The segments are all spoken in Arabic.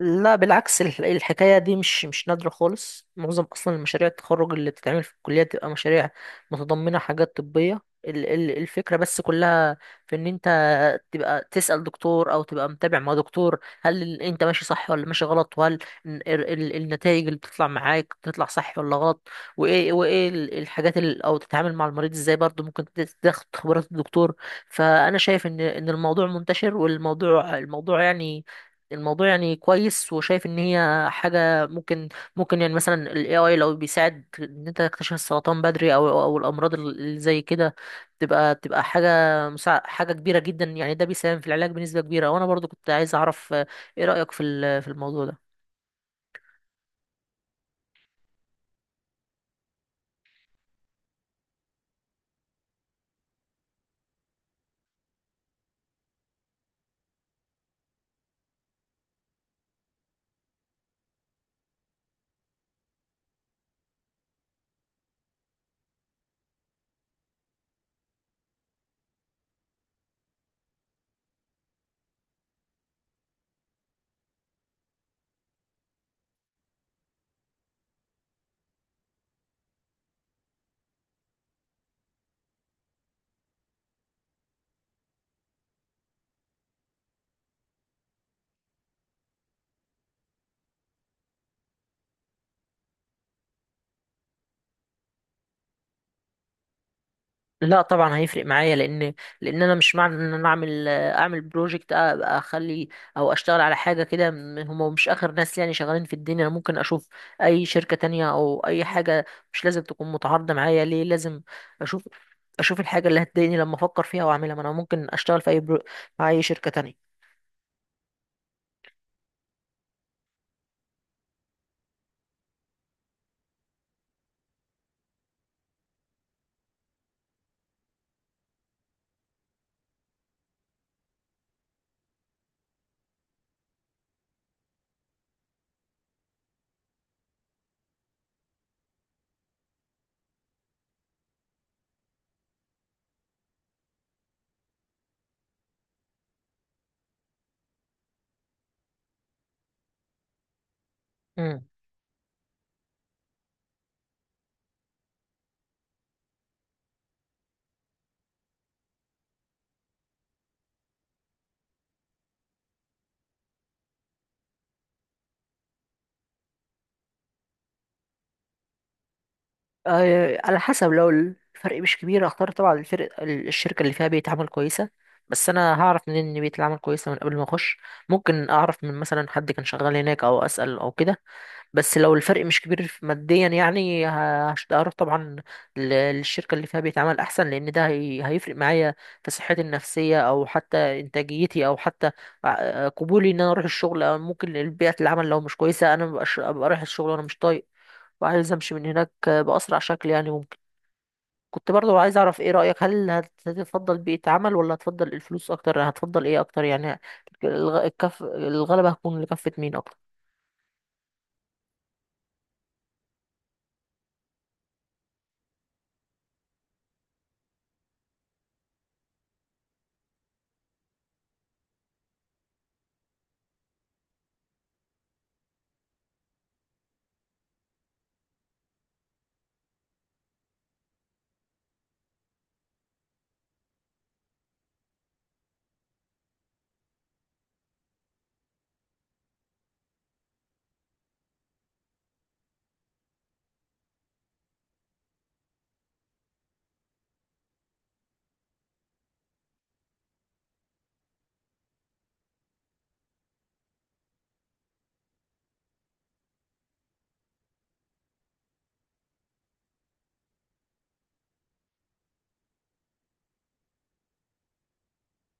لا بالعكس، الحكاية دي مش نادرة خالص. معظم أصلا المشاريع التخرج اللي بتتعمل في الكلية بتبقى مشاريع متضمنة حاجات طبية. الفكرة بس كلها في إن أنت تبقى تسأل دكتور أو تبقى متابع مع دكتور، هل أنت ماشي صح ولا ماشي غلط، وهل النتائج اللي بتطلع معاك بتطلع صح ولا غلط، وإيه الحاجات أو تتعامل مع المريض إزاي برضه. ممكن تاخد خبرات الدكتور. فأنا شايف إن الموضوع منتشر، والموضوع الموضوع يعني الموضوع يعني كويس، وشايف ان هي حاجه ممكن. ممكن يعني مثلا ال AI لو بيساعد ان انت تكتشف السرطان بدري او الامراض اللي زي كده، تبقى حاجه حاجه كبيره جدا. يعني ده بيساهم في العلاج بنسبه كبيره. وانا برضو كنت عايز اعرف، ايه رايك في في الموضوع ده؟ لا طبعا هيفرق معايا، لان انا مش معنى ان انا اعمل بروجكت ابقى اخلي او اشتغل على حاجه كده. هم مش اخر ناس يعني شغالين في الدنيا، انا ممكن اشوف اي شركه تانية او اي حاجه مش لازم تكون متعارضه معايا. ليه لازم اشوف الحاجه اللي هتضايقني لما افكر فيها واعملها؟ ما انا ممكن اشتغل في اي مع اي شركه تانية. امم. على حسب. لو الفرق مش كبير، اختار طبعا الفرق الشركة اللي فيها بيئة عمل كويسة. بس انا هعرف منين ان بيئة العمل كويسة من قبل ما اخش؟ ممكن اعرف من مثلا حد كان شغال هناك او اسأل او كده. بس لو الفرق مش كبير ماديا يعني، هروح طبعا للشركة اللي فيها بيئة عمل احسن، لان ده هيفرق معايا في صحتي النفسية او حتى انتاجيتي او حتى قبولي ان انا اروح الشغل. أو ممكن بيئة العمل لو مش كويسة انا ابقى رايح الشغل وانا مش طايق وعايز امشي من هناك باسرع شكل يعني. ممكن كنت برضو عايز اعرف ايه رايك، هل هتفضل بيئه عمل ولا هتفضل الفلوس اكتر؟ هتفضل ايه اكتر يعني؟ الغ- الكف الغلبه هتكون لكفه مين اكتر؟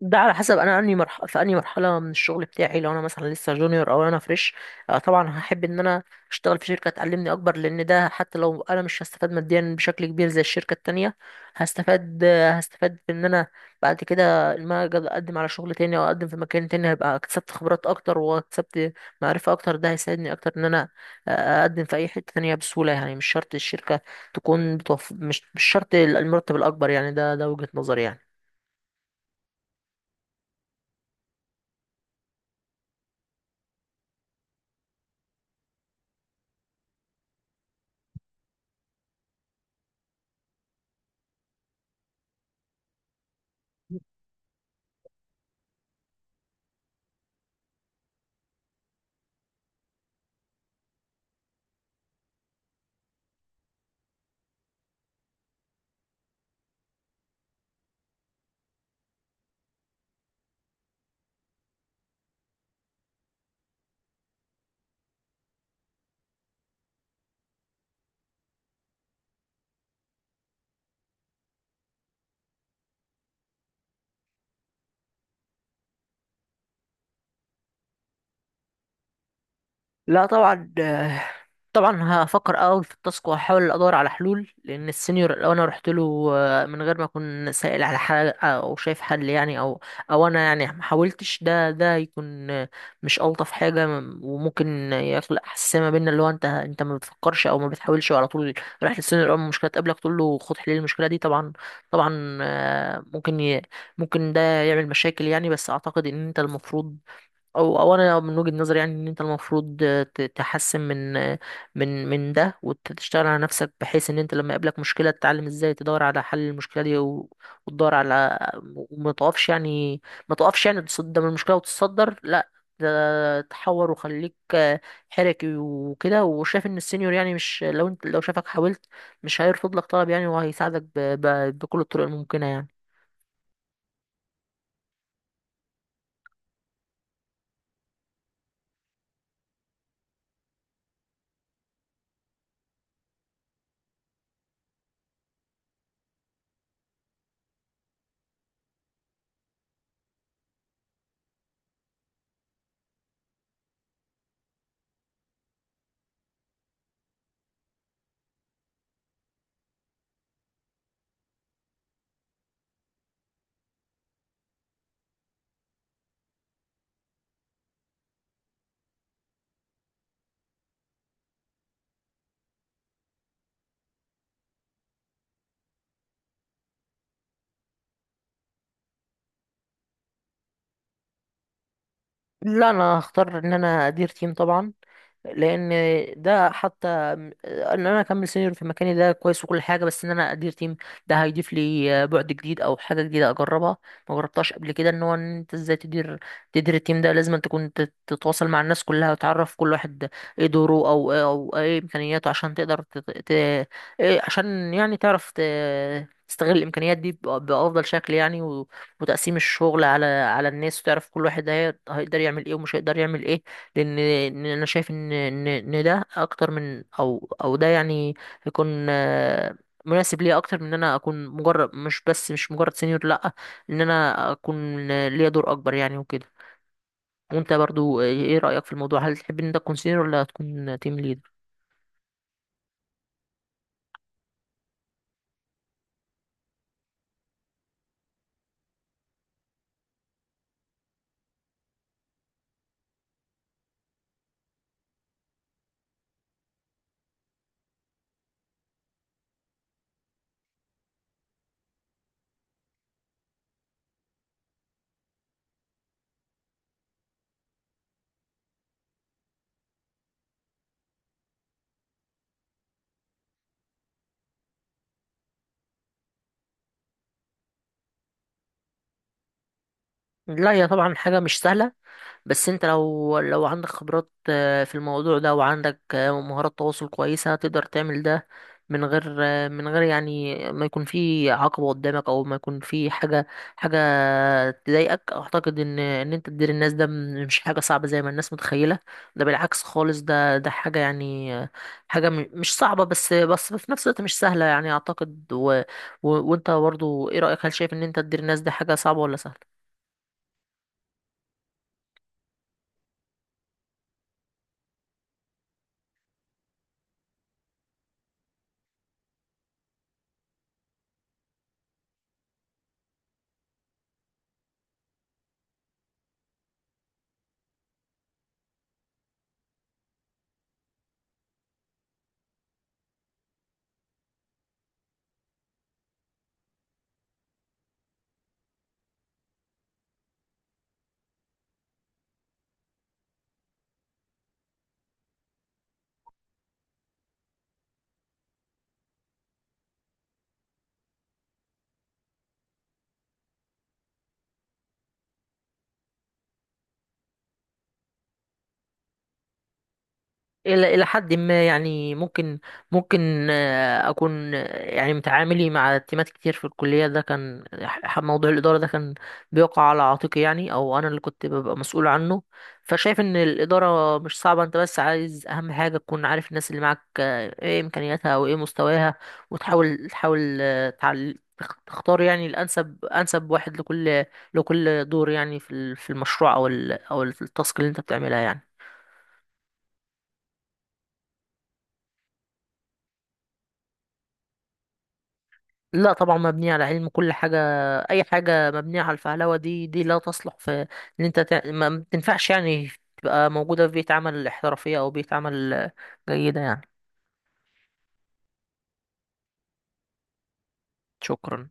ده على حسب انا اني مرحله من الشغل بتاعي. لو انا مثلا لسه جونيور او انا فريش، طبعا هحب ان انا اشتغل في شركه تعلمني اكبر، لان ده حتى لو انا مش هستفاد ماديا بشكل كبير زي الشركه التانية، هستفاد. هستفاد بان انا بعد كده لما اجي اقدم على شغل تاني او اقدم في مكان تاني هبقى اكتسبت خبرات اكتر واكتسبت معرفه اكتر. ده هيساعدني اكتر ان انا اقدم في اي حته تانية بسهوله يعني. مش شرط الشركه تكون مش شرط المرتب الاكبر يعني. ده ده وجهه نظري يعني. لا طبعا، طبعا هفكر اول في التاسك وهحاول ادور على حلول. لان السينيور لو انا رحت له من غير ما اكون سائل على حاجه او شايف حل يعني، او او انا يعني ما حاولتش، ده يكون مش الطف حاجه. وممكن يخلق حساسيه ما بيننا، اللي هو انت ما بتفكرش او ما بتحاولش، على طول رايح للسينيور اول ما المشكله تقابلك تقول له خد حل المشكله دي. طبعا طبعا ممكن ممكن ده يعمل مشاكل يعني. بس اعتقد ان انت المفروض، او او انا من وجهة نظري يعني ان انت المفروض تحسن من من ده وتشتغل على نفسك، بحيث ان انت لما يقابلك مشكلة تتعلم ازاي تدور على حل المشكلة دي وتدور على، وما تقفش يعني، ما تقفش يعني قدام المشكلة وتتصدر. لا، ده تحور وخليك حركي وكده. وشايف ان السينيور يعني، مش لو انت، لو شافك حاولت مش هيرفض لك طلب يعني، وهيساعدك بكل الطرق الممكنة يعني. لا انا هختار ان انا ادير تيم طبعا، لان ده حتى ان انا اكمل سينيور في مكاني ده كويس وكل حاجه، بس ان انا ادير تيم ده هيضيف لي بعد جديد او حاجه جديده اجربها ما جربتهاش قبل كده. ان هو ان انت ازاي تدير التيم ده، لازم أنت تكون تتواصل مع الناس كلها وتعرف كل واحد ايه دوره او إيه، او ايه امكانياته، عشان تقدر إيه عشان يعني تعرف تستغل الامكانيات دي بافضل شكل يعني. و... وتقسيم الشغل على الناس، وتعرف كل واحد هيقدر يعمل ايه ومش هيقدر يعمل ايه. لان إن انا شايف ان ان إن ده اكتر من، او او ده يعني يكون مناسب ليا اكتر من ان انا اكون مجرد مش بس مش مجرد سenior، لا، ان انا اكون ليا دور اكبر يعني وكده. وانت برضو ايه رأيك في الموضوع؟ هل تحب ان انت تكون سenior ولا تكون تيم ليدر؟ لا هي طبعا حاجة مش سهلة، بس انت لو لو عندك خبرات في الموضوع ده وعندك مهارات تواصل كويسة، تقدر تعمل ده من غير من غير يعني ما يكون في عقبة قدامك او ما يكون في حاجة تضايقك. اعتقد ان انت تدير الناس ده مش حاجة صعبة زي ما الناس متخيلة. ده بالعكس خالص، ده ده حاجة يعني حاجة مش صعبة، بس بس في نفس الوقت مش سهلة يعني، اعتقد. و و وانت برضو ايه رأيك، هل شايف ان انت تدير الناس ده حاجة صعبة ولا سهلة؟ إلى حد ما يعني. ممكن ممكن أكون يعني متعاملي مع تيمات كتير في الكلية، ده كان موضوع الإدارة ده كان بيقع على عاتقي يعني، أو أنا اللي كنت ببقى مسؤول عنه. فشايف إن الإدارة مش صعبة. أنت بس عايز أهم حاجة تكون عارف الناس اللي معاك إيه إمكانياتها وإيه مستواها، وتحاول تختار يعني الأنسب، أنسب واحد لكل لكل دور يعني في في المشروع أو أو التاسك اللي أنت بتعملها يعني. لا طبعا مبنية على علم. كل حاجة، أي حاجة مبنية على الفهلوة دي دي لا تصلح في إن أنت ما تنفعش يعني تبقى موجودة في بيئة عمل احترافية أو بيئة عمل جيدة يعني. شكرا.